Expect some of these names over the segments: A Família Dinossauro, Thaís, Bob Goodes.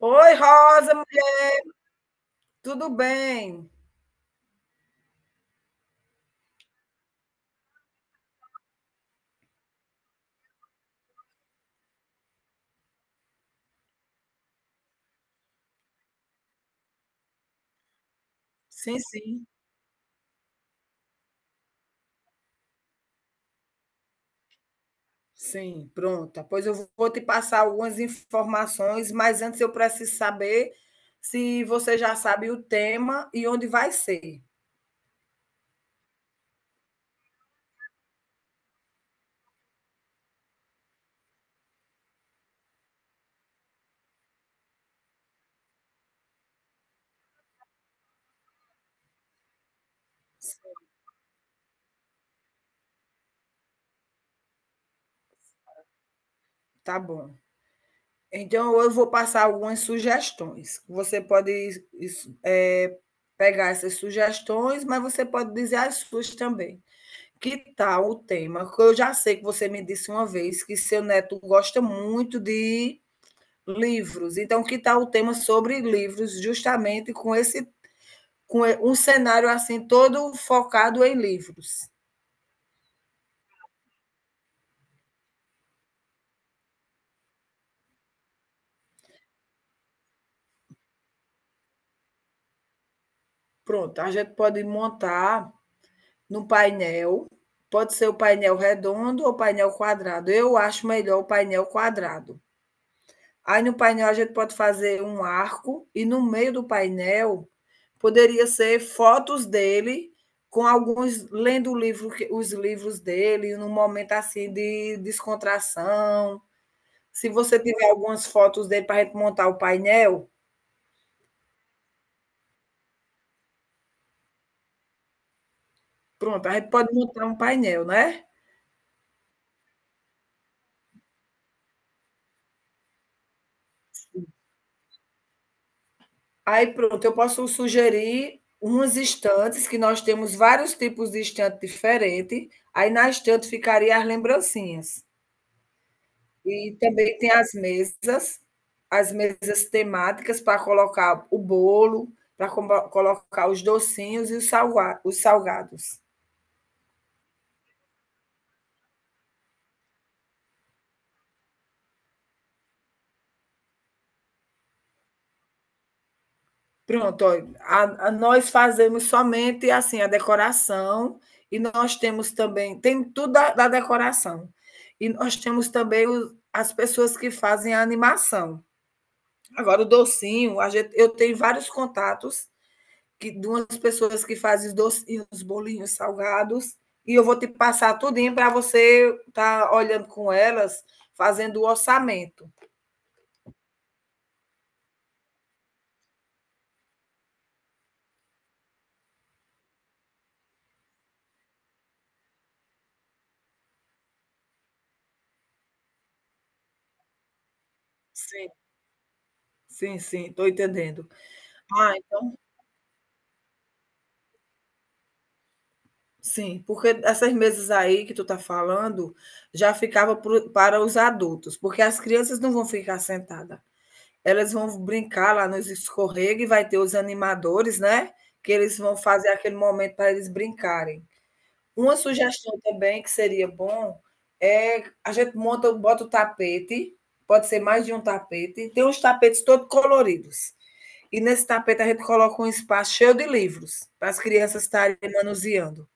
Oi, Rosa, mulher, tudo bem? Sim, sim, sim, pronta. Pois eu vou te passar algumas informações, mas antes eu preciso saber se você já sabe o tema e onde vai ser. Tá bom. Então eu vou passar algumas sugestões. Você pode isso, é, pegar essas sugestões, mas você pode dizer as suas também. Que tal o tema? Que Eu já sei que você me disse uma vez que seu neto gosta muito de livros. Então, que tal o tema sobre livros, justamente com um cenário assim todo focado em livros. Pronto, a gente pode montar num painel, pode ser o painel redondo ou painel quadrado. Eu acho melhor o painel quadrado. Aí no painel a gente pode fazer um arco e no meio do painel poderia ser fotos dele com alguns lendo o livro, os livros dele, num momento assim de descontração. Se você tiver algumas fotos dele para a gente montar o painel, pronto, a gente pode montar um painel, né? Aí pronto, eu posso sugerir umas estantes, que nós temos vários tipos de estante diferentes. Aí na estante ficaria as lembrancinhas. E também tem as mesas temáticas para colocar o bolo, para colocar os docinhos e os salgados. Pronto, ó, nós fazemos somente assim a decoração e nós temos também, tem tudo da decoração. E nós temos também as pessoas que fazem a animação. Agora, o docinho, eu tenho vários contatos de umas pessoas que fazem os docinhos, bolinhos salgados, e eu vou te passar tudinho para você estar tá olhando com elas, fazendo o orçamento. Sim, sim, estou entendendo. Ai, sim, porque essas mesas aí que tu tá falando, já ficava pro para os adultos, porque as crianças não vão ficar sentada. Elas vão brincar lá nos escorrega e vai ter os animadores, né, que eles vão fazer aquele momento para eles brincarem. Uma sugestão também que seria bom, é a gente monta bota o tapete, pode ser mais de um tapete, tem uns tapetes todo coloridos. E nesse tapete a gente coloca um espaço cheio de livros, para as crianças estarem manuseando.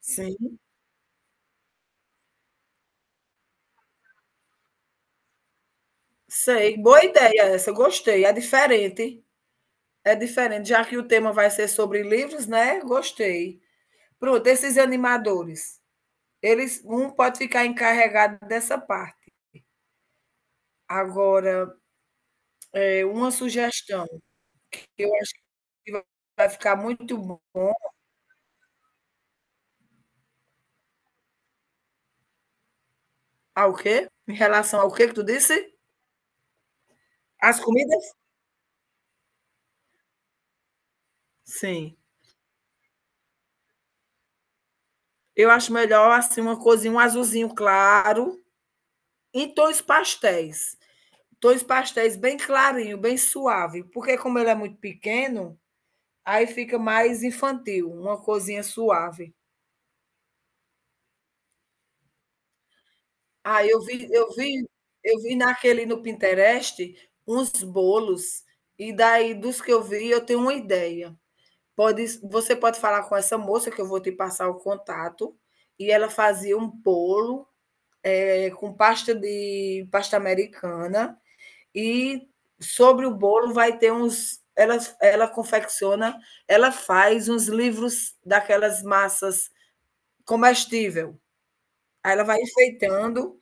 Sim. Sei, boa ideia essa, gostei, é diferente, já que o tema vai ser sobre livros, né, gostei. Pronto, esses animadores, eles um pode ficar encarregado dessa parte. Agora, uma sugestão que eu acho que vai ficar muito bom ao quê? Em relação ao quê que tu disse? As comidas? Sim, eu acho melhor, assim, uma coisinha um azulzinho claro, em tons pastéis. Dois pastéis bem clarinho, bem suave, porque como ele é muito pequeno, aí fica mais infantil, uma coisinha suave. Ah, eu vi naquele no Pinterest uns bolos, e daí dos que eu vi eu tenho uma ideia. Pode Você pode falar com essa moça que eu vou te passar o contato, e ela fazia um bolo, com pasta de pasta americana, e sobre o bolo vai ter uns. Ela confecciona, ela faz uns livros daquelas massas comestível. Aí ela vai enfeitando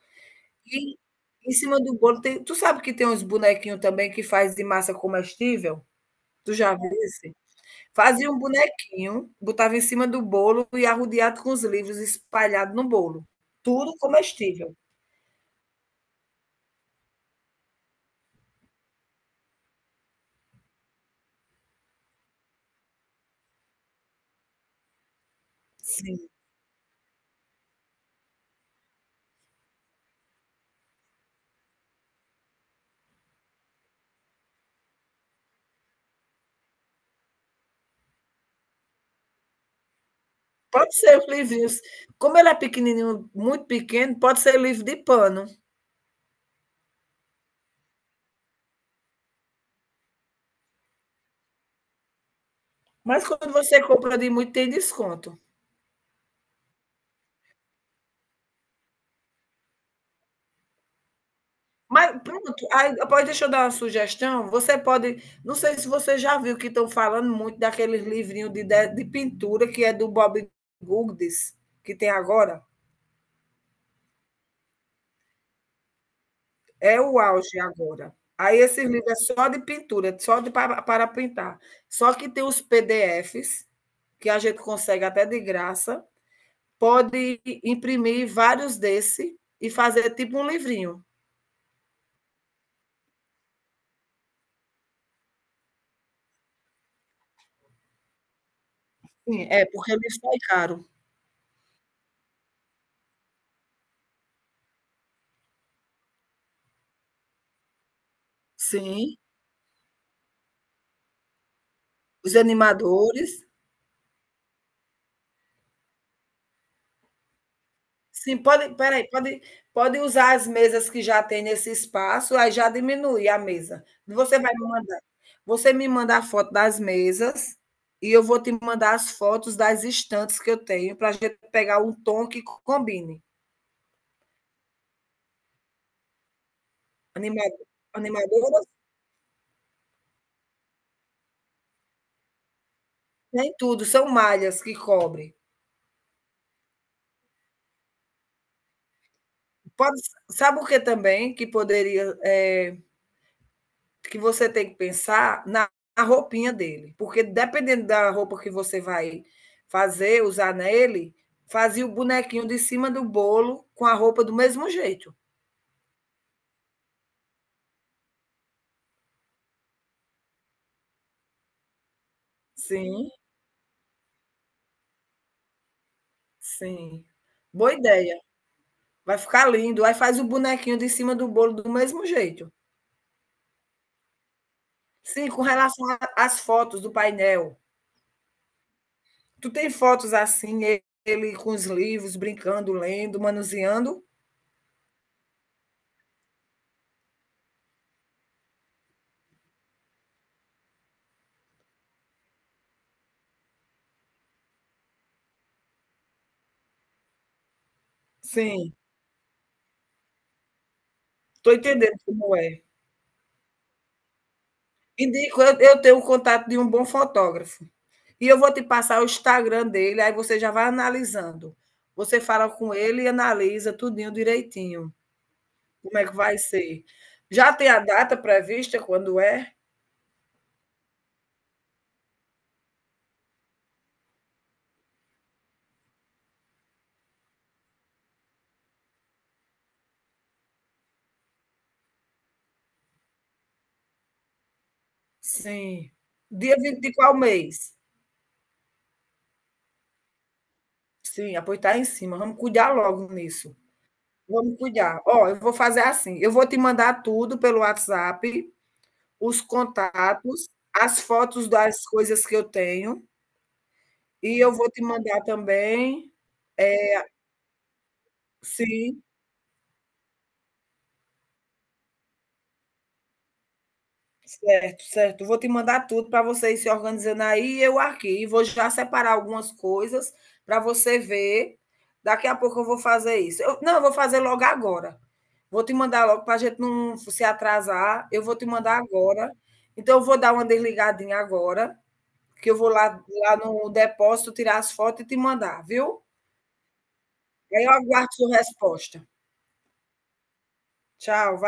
e em cima do bolo tem. Tu sabe que tem uns bonequinhos também que faz de massa comestível? Tu já viu esse? Fazia um bonequinho, botava em cima do bolo e arrodeado com os livros espalhados no bolo. Tudo comestível. Sim. Pode ser os livrinhos. Como ele é pequenininho, muito pequeno, pode ser livro de pano. Mas quando você compra de muito, tem desconto. Mas pronto, aí, pode, deixa eu dar uma sugestão. Você pode. Não sei se você já viu que estão falando muito daqueles livrinhos de pintura que é do Bob Goodes, que tem agora. É o auge agora. Aí esse livro é só de pintura, só de para, para pintar. Só que tem os PDFs, que a gente consegue até de graça. Pode imprimir vários desse e fazer tipo um livrinho. Sim, é, porque ele sai caro. Sim. Os animadores. Sim, pode, espera aí, pode, pode usar as mesas que já tem nesse espaço, aí já diminui a mesa. Você vai me mandar. Você me manda a foto das mesas e eu vou te mandar as fotos das estantes que eu tenho para a gente pegar um tom que combine. Animado, animadoras, nem tudo, são malhas que cobrem. Pode, sabe o que também que poderia que você tem que pensar na roupinha dele, porque dependendo da roupa que você vai usar nele, fazia o bonequinho de cima do bolo com a roupa do mesmo jeito. Sim, sim. Boa ideia. Vai ficar lindo. Aí faz o bonequinho de cima do bolo do mesmo jeito. Sim, com relação às fotos do painel. Tu tem fotos assim, ele com os livros, brincando, lendo, manuseando? Sim, estou entendendo como é. Indico, eu tenho o contato de um bom fotógrafo. E eu vou te passar o Instagram dele, aí você já vai analisando. Você fala com ele e analisa tudinho direitinho, como é que vai ser. Já tem a data prevista quando é? Sim. Dia 20 de qual mês? Sim, ah, tá em cima, vamos cuidar logo nisso. Vamos cuidar. Ó, eu vou fazer assim, eu vou te mandar tudo pelo WhatsApp, os contatos, as fotos das coisas que eu tenho. E eu vou te mandar também sim, certo, certo. Vou te mandar tudo para você ir se organizando aí e eu aqui. E vou já separar algumas coisas para você ver. Daqui a pouco eu vou fazer isso. Eu, não, eu vou fazer logo agora. Vou te mandar logo para a gente não se atrasar. Eu vou te mandar agora. Então, eu vou dar uma desligadinha agora, que eu vou lá no depósito tirar as fotos e te mandar, viu? Aí eu aguardo sua resposta. Tchau.